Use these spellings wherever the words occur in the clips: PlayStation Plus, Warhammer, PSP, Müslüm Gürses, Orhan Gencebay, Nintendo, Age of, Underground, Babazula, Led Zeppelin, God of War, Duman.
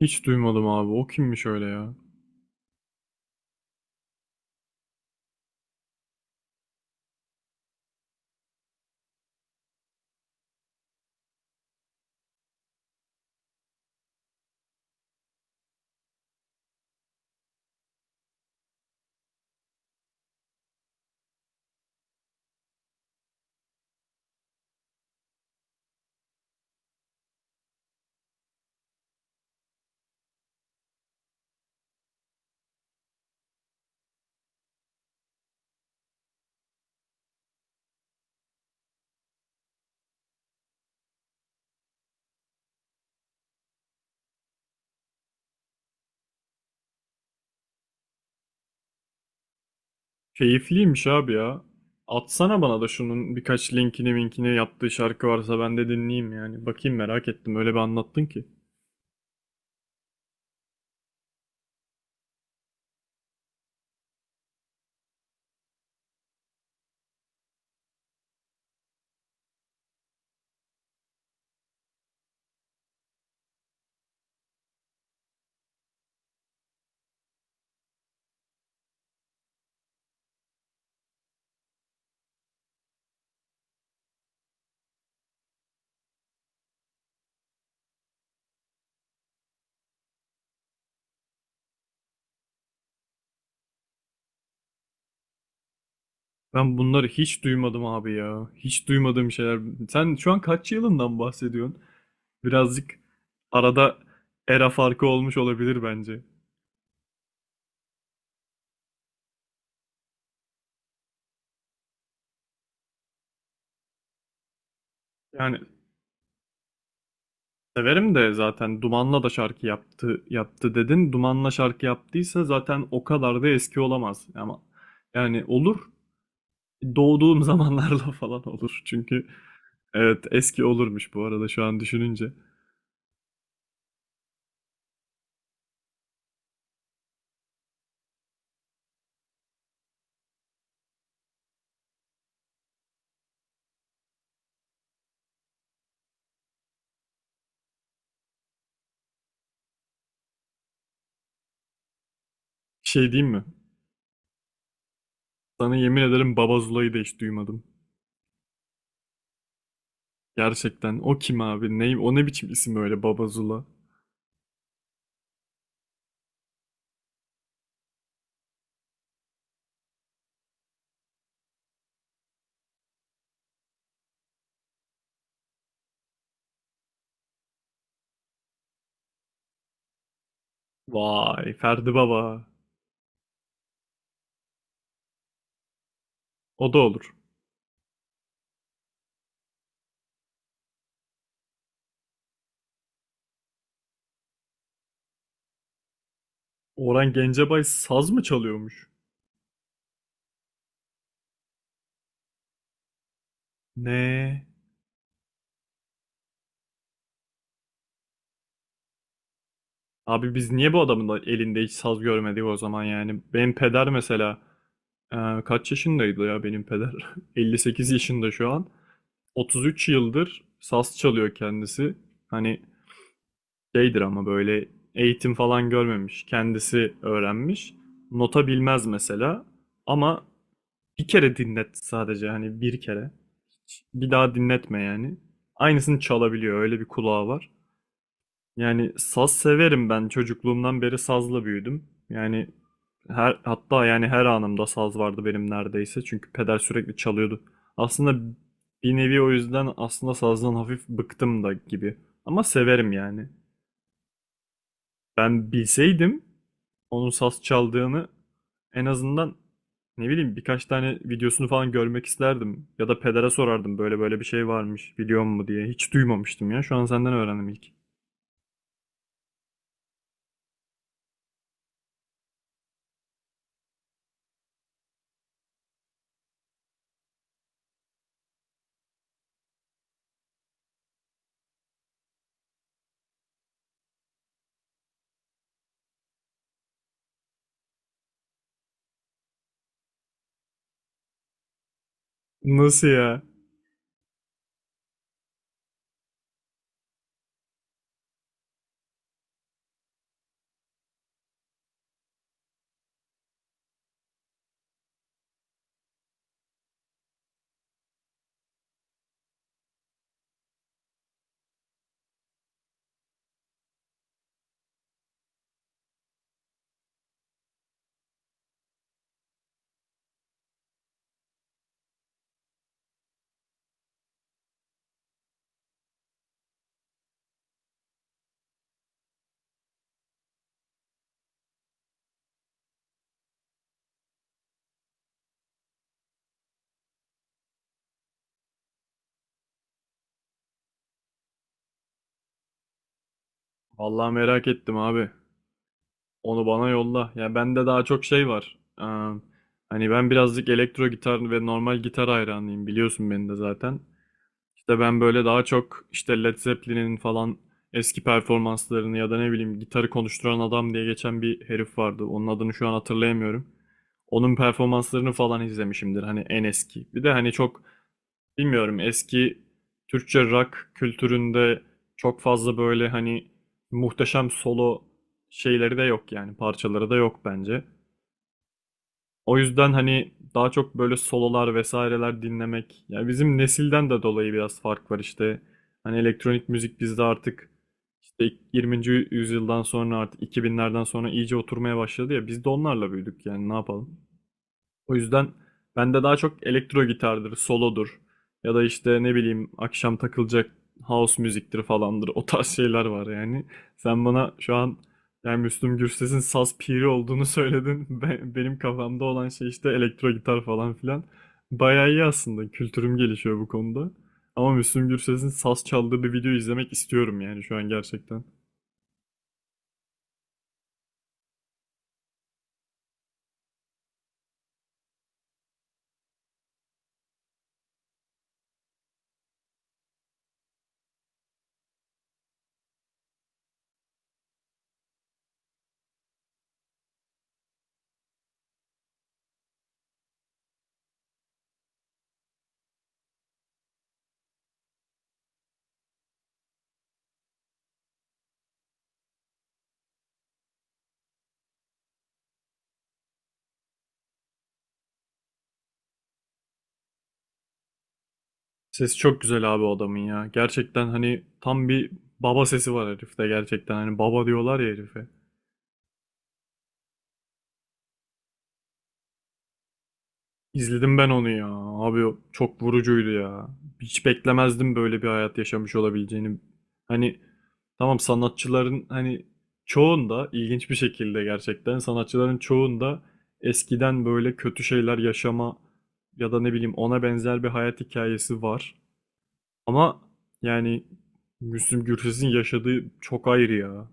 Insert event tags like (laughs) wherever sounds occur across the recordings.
Hiç duymadım abi. O kimmiş öyle ya? Keyifliymiş abi ya. Atsana bana da şunun birkaç linkini minkini yaptığı şarkı varsa ben de dinleyeyim yani. Bakayım merak ettim. Öyle bir anlattın ki. Ben bunları hiç duymadım abi ya. Hiç duymadığım şeyler. Sen şu an kaç yılından bahsediyorsun? Birazcık arada era farkı olmuş olabilir bence. Yani severim de zaten Duman'la da şarkı yaptı dedin. Duman'la şarkı yaptıysa zaten o kadar da eski olamaz. Ama yani olur doğduğum zamanlarla (laughs) falan olur. Çünkü evet eski olurmuş bu arada şu an düşününce. Şey diyeyim mi? Sana yemin ederim Babazula'yı da hiç duymadım. Gerçekten. O kim abi? Ne, o ne biçim isim öyle Babazula? Vay Ferdi Baba. O da olur. Orhan Gencebay saz mı çalıyormuş? Ne? Abi biz niye bu adamın da elinde hiç saz görmedik o zaman yani? Benim peder mesela e, kaç yaşındaydı ya benim peder? (laughs) 58 yaşında şu an. 33 yıldır saz çalıyor kendisi. Hani şeydir ama böyle eğitim falan görmemiş. Kendisi öğrenmiş. Nota bilmez mesela. Ama bir kere dinlet sadece hani bir kere. Bir daha dinletme yani. Aynısını çalabiliyor. Öyle bir kulağı var. Yani saz severim ben. Çocukluğumdan beri sazla büyüdüm. Yani hatta yani her anımda saz vardı benim neredeyse. Çünkü peder sürekli çalıyordu. Aslında bir nevi o yüzden aslında sazdan hafif bıktım da gibi. Ama severim yani. Ben bilseydim onun saz çaldığını en azından ne bileyim birkaç tane videosunu falan görmek isterdim. Ya da pedere sorardım böyle böyle bir şey varmış biliyor mu diye. Hiç duymamıştım ya. Şu an senden öğrendim ilk. Nasıl ya? Vallahi merak ettim abi. Onu bana yolla. Ya bende daha çok şey var. Hani ben birazcık elektro gitar ve normal gitar hayranıyım. Biliyorsun beni de zaten. İşte ben böyle daha çok işte Led Zeppelin'in falan eski performanslarını ya da ne bileyim gitarı konuşturan adam diye geçen bir herif vardı. Onun adını şu an hatırlayamıyorum. Onun performanslarını falan izlemişimdir. Hani en eski. Bir de hani çok bilmiyorum eski Türkçe rock kültüründe çok fazla böyle hani muhteşem solo şeyleri de yok yani parçaları da yok bence. O yüzden hani daha çok böyle sololar vesaireler dinlemek. Yani bizim nesilden de dolayı biraz fark var işte. Hani elektronik müzik bizde artık işte 20. yüzyıldan sonra artık 2000'lerden sonra iyice oturmaya başladı ya biz de onlarla büyüdük yani ne yapalım. O yüzden bende daha çok elektro gitardır, solodur ya da işte ne bileyim akşam takılacak house müziktir falandır. O tarz şeyler var yani. Sen bana şu an yani Müslüm Gürses'in saz piri olduğunu (laughs) söyledin. Benim kafamda olan şey işte elektro gitar falan filan. Bayağı iyi aslında. Kültürüm gelişiyor bu konuda. Ama Müslüm Gürses'in saz çaldığı bir video izlemek istiyorum yani şu an gerçekten. Sesi çok güzel abi o adamın ya. Gerçekten hani tam bir baba sesi var herifte gerçekten. Hani baba diyorlar ya herife. İzledim ben onu ya. Abi o çok vurucuydu ya. Hiç beklemezdim böyle bir hayat yaşamış olabileceğini. Hani tamam, sanatçıların hani çoğunda ilginç bir şekilde gerçekten sanatçıların çoğunda eskiden böyle kötü şeyler yaşama ya da ne bileyim ona benzer bir hayat hikayesi var. Ama yani Müslüm Gürses'in yaşadığı çok ayrı ya.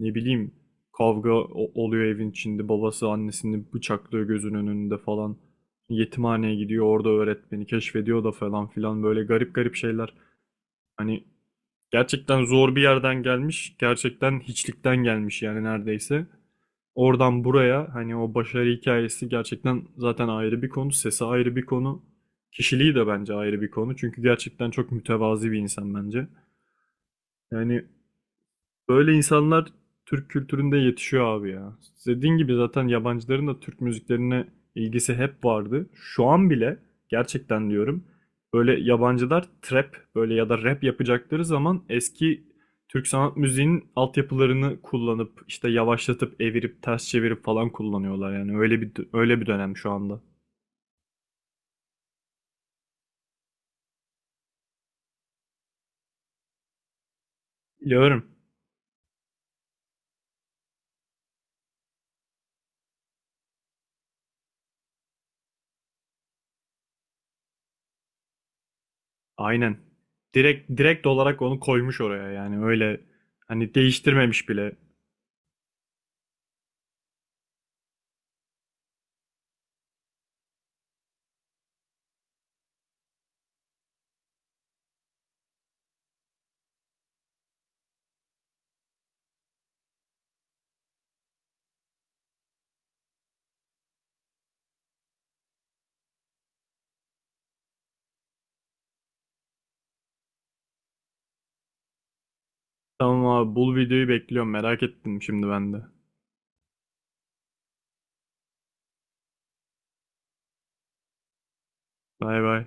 Ne bileyim kavga oluyor evin içinde. Babası annesini bıçaklıyor gözünün önünde falan. Yetimhaneye gidiyor orada öğretmeni keşfediyor da falan filan böyle garip garip şeyler. Hani gerçekten zor bir yerden gelmiş. Gerçekten hiçlikten gelmiş yani neredeyse. Oradan buraya hani o başarı hikayesi gerçekten zaten ayrı bir konu. Sesi ayrı bir konu. Kişiliği de bence ayrı bir konu. Çünkü gerçekten çok mütevazi bir insan bence. Yani böyle insanlar Türk kültüründe yetişiyor abi ya. Dediğin gibi zaten yabancıların da Türk müziklerine ilgisi hep vardı. Şu an bile gerçekten diyorum böyle yabancılar trap böyle ya da rap yapacakları zaman eski Türk sanat müziğinin altyapılarını kullanıp işte yavaşlatıp evirip ters çevirip falan kullanıyorlar yani öyle bir dönem şu anda. Biliyorum. Aynen. Direkt olarak onu koymuş oraya yani öyle hani değiştirmemiş bile. Tamam abi bul videoyu bekliyorum merak ettim şimdi ben de. Bay bay.